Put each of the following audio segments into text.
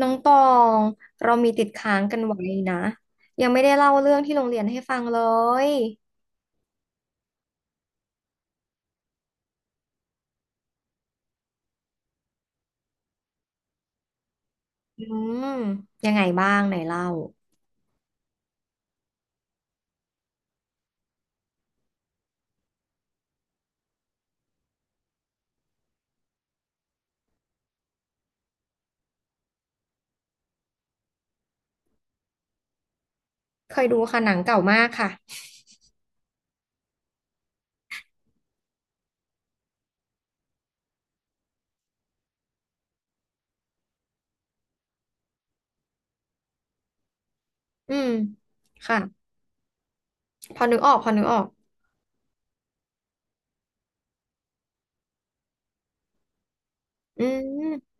น้องตองเรามีติดค้างกันไว้นะยังไม่ได้เล่าเรื่องที่โรงเรียนให้ฟังเลยอืมยังไงบ้างไหนเล่าเคยดูค่ะหนังเก่ามากค่ะอืมค่ะพอนึกออกพอนึกออกอืม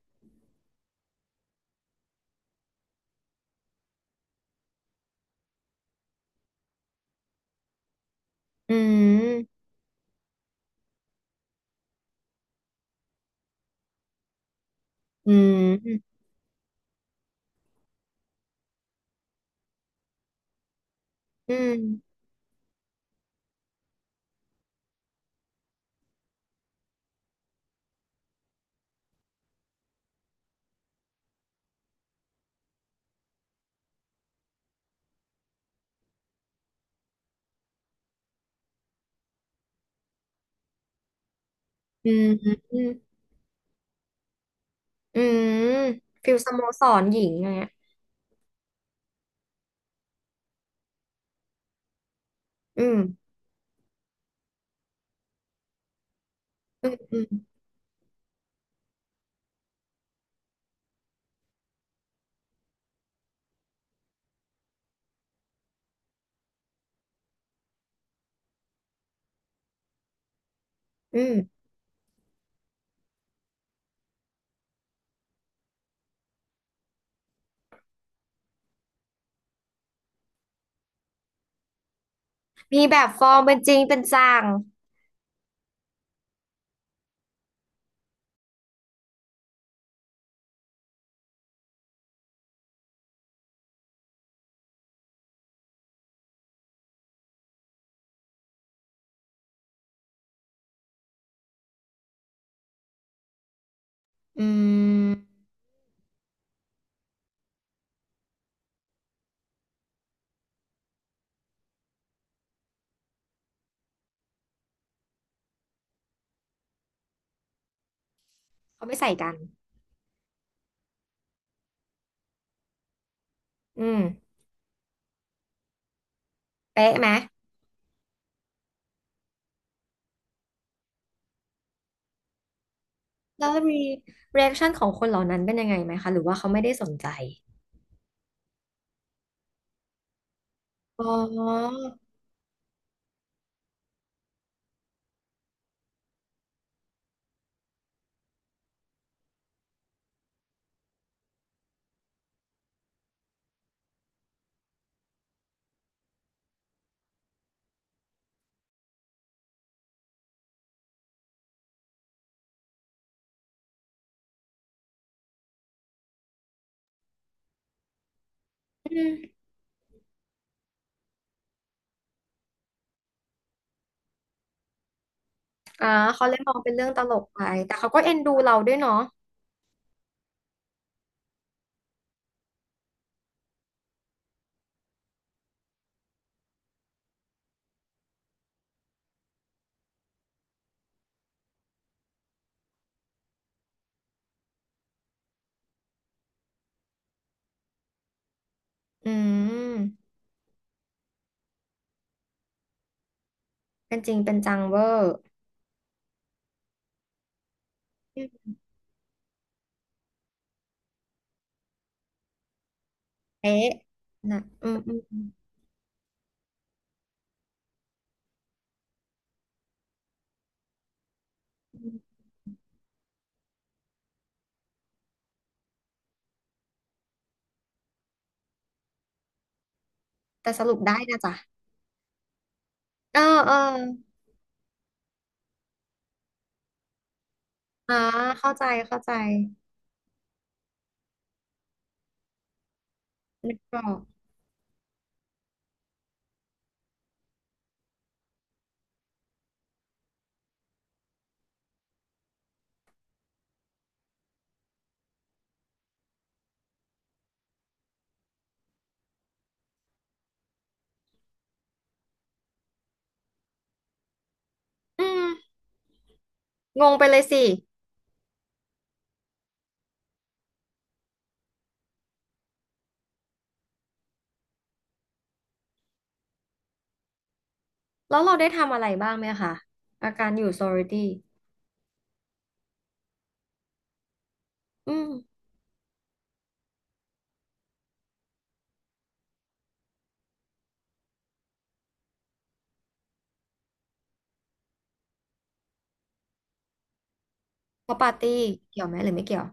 อืมอืมอืมอืมอืมอืมฟิลสโมสรหญิงอย่างเงี้ยอืมอืมอืมอืมมีแบบฟอร์มเป็นจริงเป็นจังอืมเขาไม่ใส่กันอืมเป๊ะไหม แล้วมีเรีแอคชั่นของคนเหล่านั้นเป็นยังไงไหมคะหรือว่าเขาไม่ได้สนใจอ๋ออืมอ่าเขาเลยมองเป็นเรื่องตลกไปแต่เขาก็เอ็นดูเราด้วยเนาะอืมเป็นจริงเป็นจังเวอร์อืมเอ๊ะนะอืมอืมอืมอืมแต่สรุปได้นะจ๊ะเออเอออ่าเข้าใจเข้าใจนึกออกอืมงงไปเลยสิแล้วเราได้ทำอะไรบ้างไหมคะอาการอยู่ซอริตี้อืมพอปาร์ตี้เกี่ยวไหมหรือไม่เกี่ยว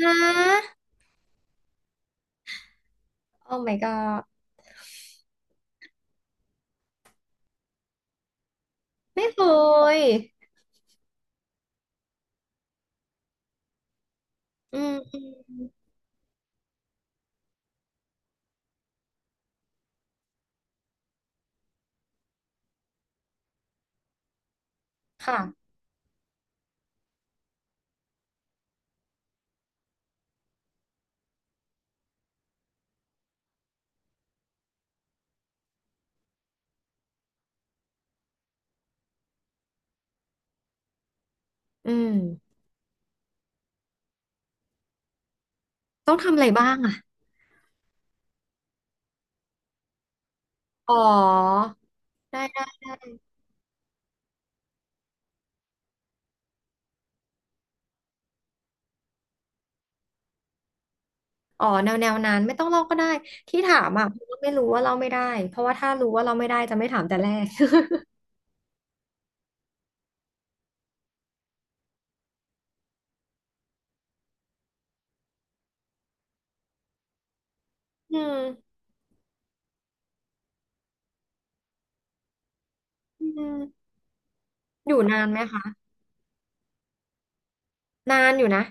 ฮะ โอ้ my god ไม่เคยอืมอืมค่ะอืมต้องทำอะไรบ้างอ่ะอ๋อได้ได้ได้อ๋อแนวแนวนั้นไม่ต้องลอกก็ได้ที่ถามอ่ะเพราะว่าไม่รู้ว่าเราไม่ได้เพราะว่าถ้ารู้ว่าเราไม่ได้จะไม่ถามแต่แรก อืมอืมอยู่นานไหมคะนานอยู่นะ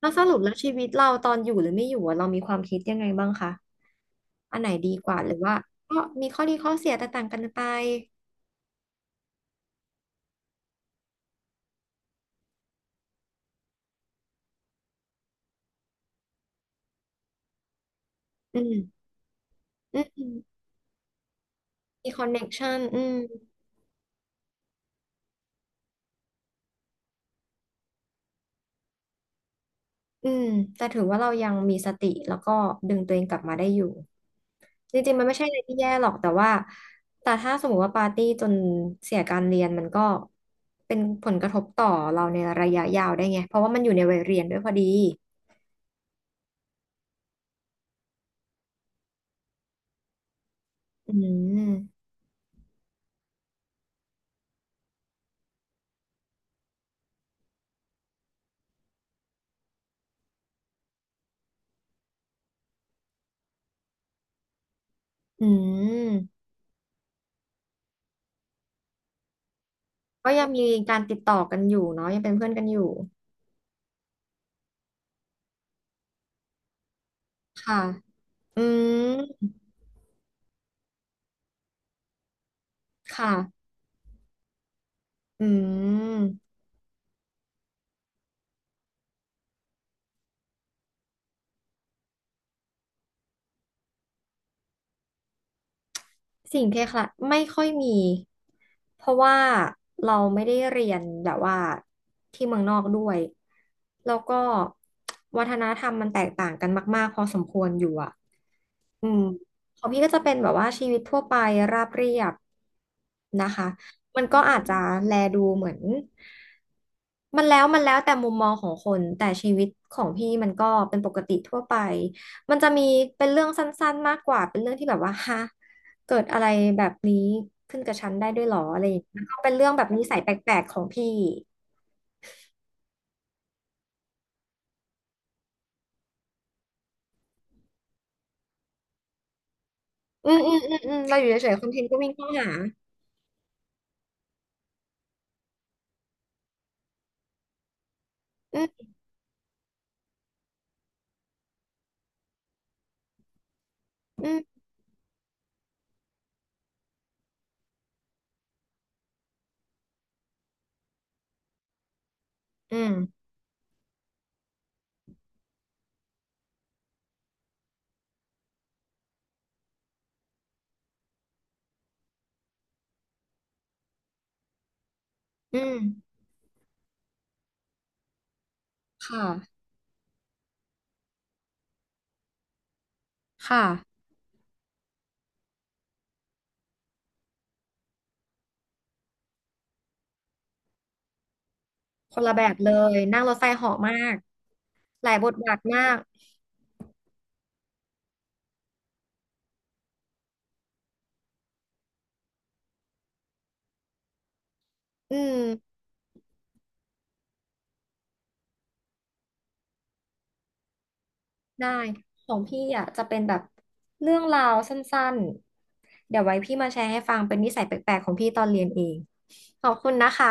แล้วสรุปแล้วชีวิตเราตอนอยู่หรือไม่อยู่อะเรามีความคิดยังไงบ้างคะอันไหนดีกว่าหรือว่าก็มีข้อดีข้อเสียแตกต่างกันไปอืมอืม มีคอนเน็กชันอืมอืม แต่ถือว่าเรายังมีสติแล้วก็ดึงตัวเองกลับมาได้อยู่ จริงๆมันไม่ใช่อะไรที่แย่หรอกแต่ว่าแต่ถ้าสมมติว่าปาร์ตี้จนเสียการเรียนมันก็เป็นผลกระทบต่อเราในระยะยาวได้ไงเพราะว่ามันอยู่ในวัยเรียนด้วยพอดี อืม อืม ก็ยังมีการติดต่อกันอยู่เนาะยังเป็นเพื่อนกันอยู่ค่ะอืมค่ะอืม สิ่งคล้ายๆไม่ค่อยมีเพราะว่าเราไม่ได้เรียนแบบว่าที่เมืองนอกด้วยแล้วก็วัฒนธรรมมันแตกต่างกันมากๆพอสมควรอยู่อ่ะอืมของพี่ก็จะเป็นแบบว่าชีวิตทั่วไปราบเรียบนะคะมันก็อาจจะแลดูเหมือนมันแล้วมันแล้วแต่มุมมองของคนแต่ชีวิตของพี่มันก็เป็นปกติทั่วไปมันจะมีเป็นเรื่องสั้นๆมากกว่าเป็นเรื่องที่แบบว่าฮะ เกิดอะไรแบบนี้ขึ้นกับฉันได้ด้วยหรออะไรอย่างเงี้ยก็เป็นเรื่องแบบนิสัยแปลกๆของพี่อืมอืมอืมอืมเราอยู่เฉยๆคอนเทนต์ก็วิ่งเข้าหาอืมอืมอืมอืมค่ะค่ะคนละแบบเลยนั่งรถไฟเหาะมากหลายบทบาทมากอืมได้ของพี่อ่ะจะเป็นแบบเรื่องราวสั้นๆเดี๋ยวไว้พี่มาแชร์ให้ฟังเป็นนิสัยแปลกๆของพี่ตอนเรียนเองขอบคุณนะคะ